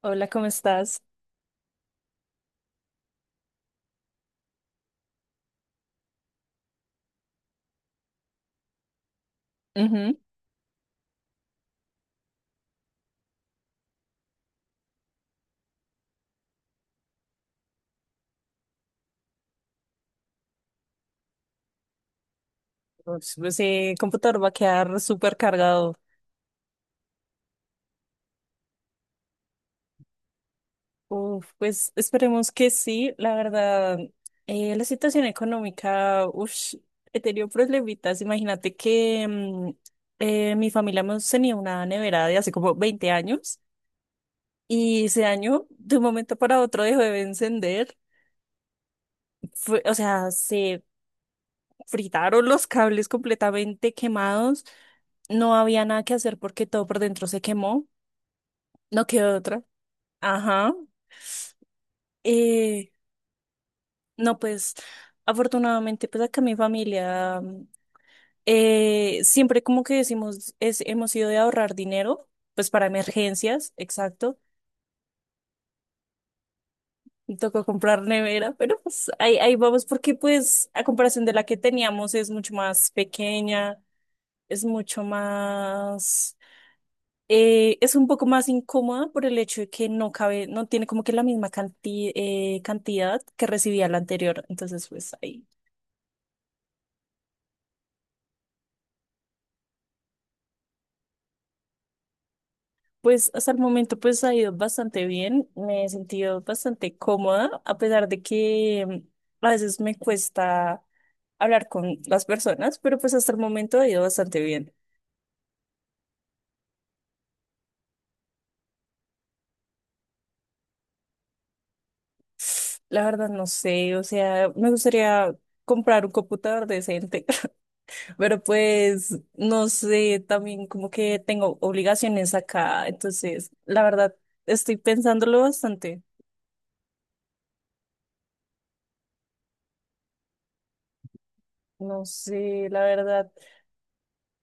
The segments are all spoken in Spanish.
Hola, ¿cómo estás? Ujú. Pues, computador va a quedar súper cargado. Uf, pues esperemos que sí. La verdad, la situación económica, ush, he tenido problemitas. Imagínate que mi familia hemos tenido una nevera de hace como 20 años y se dañó de un momento para otro, dejó de encender. O sea, se fritaron los cables completamente quemados. No había nada que hacer porque todo por dentro se quemó. No quedó otra. Ajá. Eh, no, pues afortunadamente, pues acá mi familia siempre como que decimos, es, hemos ido de ahorrar dinero, pues para emergencias, exacto. Me tocó comprar nevera, pero pues ahí, ahí vamos porque pues a comparación de la que teníamos es mucho más pequeña, es mucho más, es un poco más incómoda por el hecho de que no cabe, no tiene como que la misma cantidad que recibía la anterior. Entonces, pues ahí. Pues hasta el momento pues ha ido bastante bien, me he sentido bastante cómoda, a pesar de que a veces me cuesta hablar con las personas, pero pues hasta el momento ha ido bastante bien. La verdad no sé, o sea, me gustaría comprar un computador decente, pero pues no sé, también como que tengo obligaciones acá, entonces la verdad estoy pensándolo bastante. No sé, la verdad.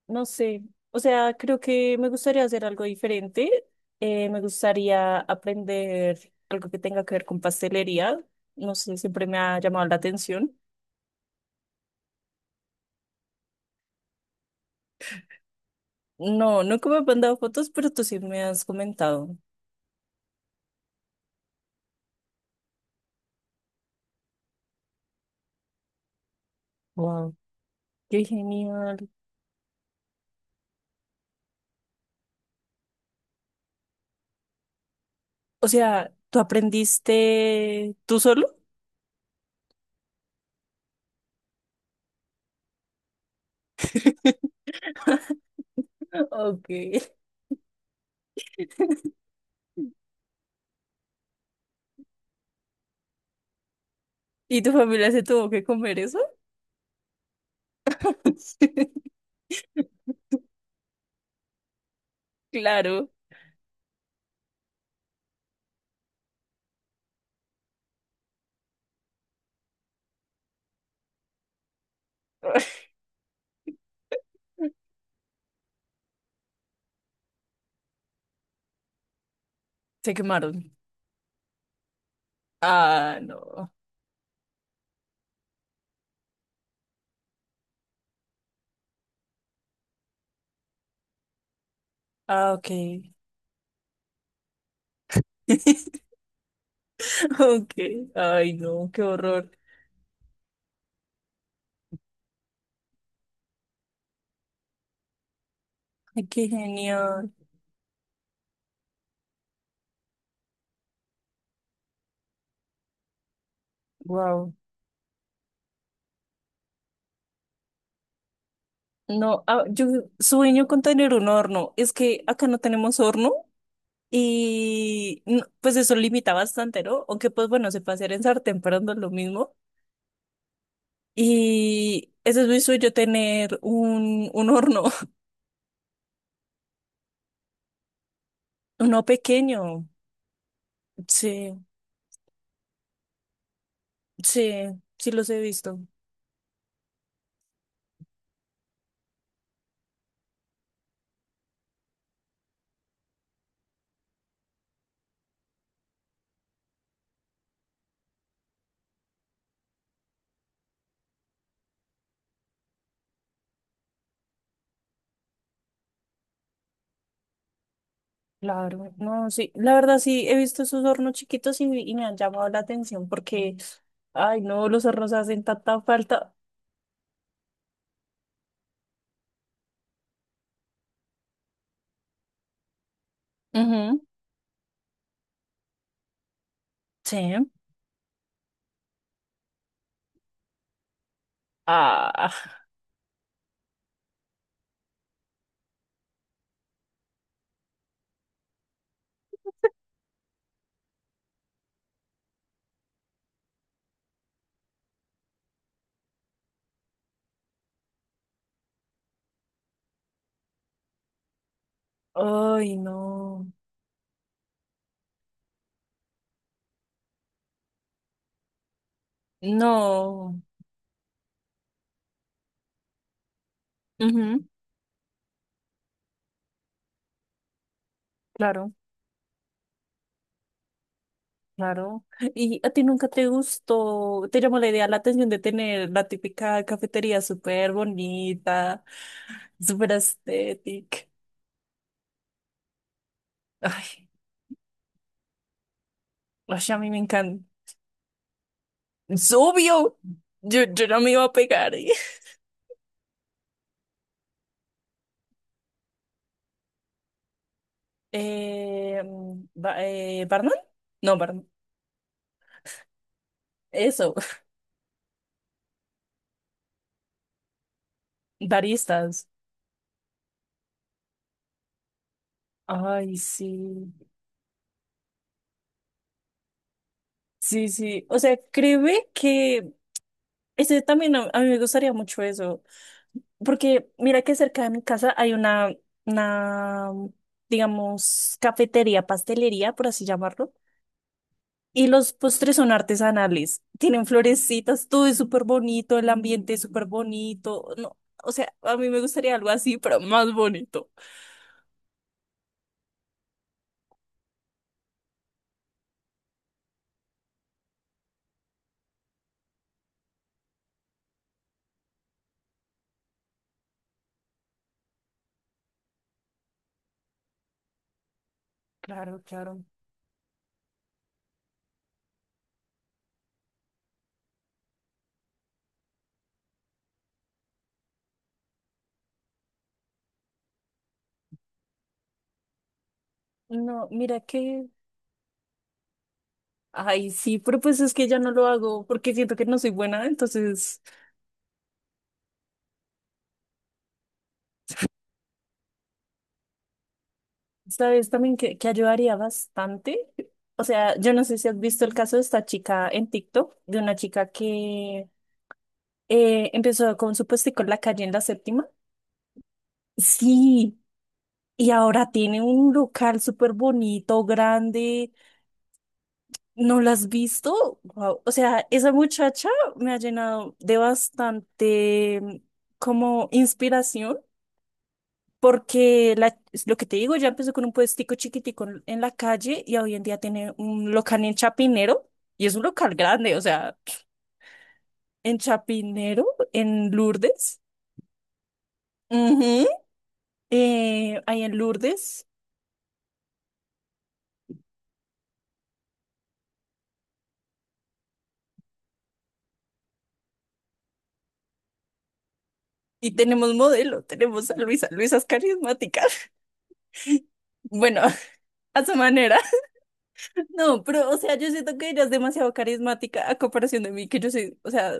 No sé, o sea, creo que me gustaría hacer algo diferente. Me gustaría aprender algo que tenga que ver con pastelería. No sé, siempre me ha llamado la atención. No, nunca me han mandado fotos, pero tú sí me has comentado. Wow, qué genial. O sea, ¿tú aprendiste tú solo? Ok. ¿Y tu familia se tuvo que comer eso? Claro. Se quemaron. Ah, no. Ah, ok. Ok, ay no, qué horror. Ay, qué genial. Wow. No, ah, yo sueño con tener un horno. Es que acá no tenemos horno y no, pues eso limita bastante, ¿no? Aunque pues bueno, se puede hacer en sartén, pero no es lo mismo. Y ese es mi sueño, tener un horno, uno pequeño. Sí, sí, sí los he visto. Claro, no, sí, la verdad sí, he visto esos hornos chiquitos y me han llamado la atención porque, ay, no, los hornos hacen tanta falta. Ujú. Sí. Ah, ay, no, no, Ujú, claro, claro. ¿Y a ti nunca te gustó, te llamó la idea, la atención de tener la típica cafetería súper bonita, súper estética? Ay, ay, a mí me encanta. Es obvio, yo no me iba a pegar. ¿Barman? No, bar- Eso, baristas. Ay, sí, sí, sí. O sea, créeme que ese también a mí me gustaría mucho eso, porque mira que cerca de mi casa hay una, digamos, cafetería, pastelería, por así llamarlo. Y los postres son artesanales, tienen florecitas, todo es súper bonito, el ambiente es súper bonito. No, o sea, a mí me gustaría algo así, pero más bonito. Claro, claro. No, mira que, ay, sí, pero pues es que ya no lo hago porque siento que no soy buena, entonces ¿sabes también que ayudaría bastante? O sea, yo no sé si has visto el caso de esta chica en TikTok, de una chica que empezó con su puestico en la calle en la séptima. Sí, y ahora tiene un local súper bonito, grande. ¿No la has visto? Wow. O sea, esa muchacha me ha llenado de bastante como inspiración. Porque la- es lo que te digo, ya empezó con un puestico chiquitico en la calle y hoy en día tiene un local en Chapinero y es un local grande, o sea, en Chapinero, en Lourdes, ujú, ahí en Lourdes y tenemos modelo, tenemos a Luisa, Luisa es carismática, bueno, a su manera. No, pero, o sea, yo siento que ella es demasiado carismática a comparación de mí, que yo soy, o sea,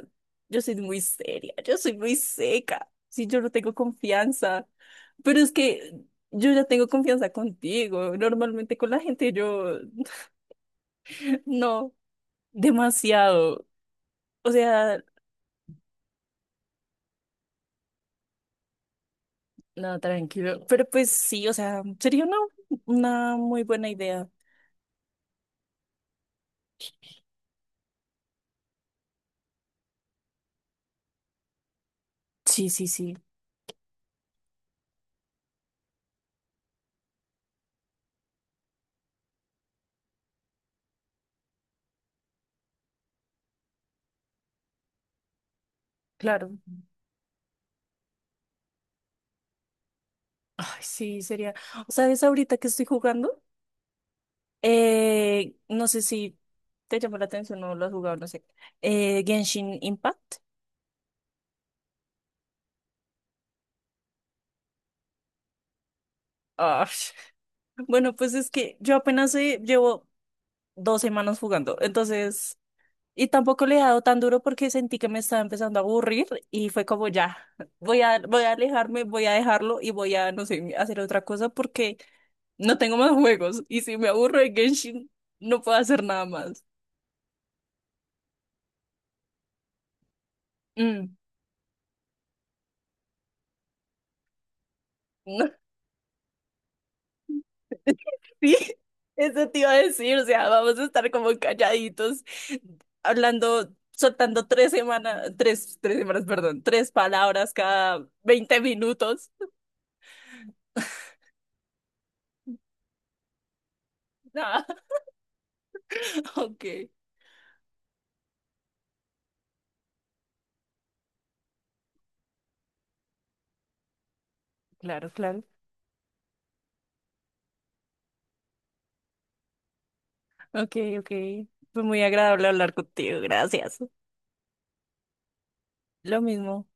yo soy muy seria, yo soy muy seca, sí, yo no tengo confianza, pero es que yo ya tengo confianza contigo, normalmente con la gente yo, no, demasiado, o sea, no, tranquilo, pero pues sí, o sea, sería una muy buena idea, sí, sí, sí, claro, ay, sí, sería, o sea, ahorita que estoy jugando. No sé si te llamó la atención o lo has jugado, no sé. Genshin Impact. Ah, bueno, pues es que yo apenas llevo 2 semanas jugando, entonces, y tampoco le he dado tan duro porque sentí que me estaba empezando a aburrir y fue como ya, voy a alejarme, voy a dejarlo y voy a, no sé, hacer otra cosa porque no tengo más juegos y si me aburro de Genshin, no puedo hacer nada más. Mm. Sí, eso te iba a decir, o sea, vamos a estar como calladitos, hablando, soltando 3 semanas, tres semanas, perdón, tres palabras cada 20 minutos. Ah, ok, claro, claro. Ok, ok. Fue muy agradable hablar contigo, gracias. Lo mismo.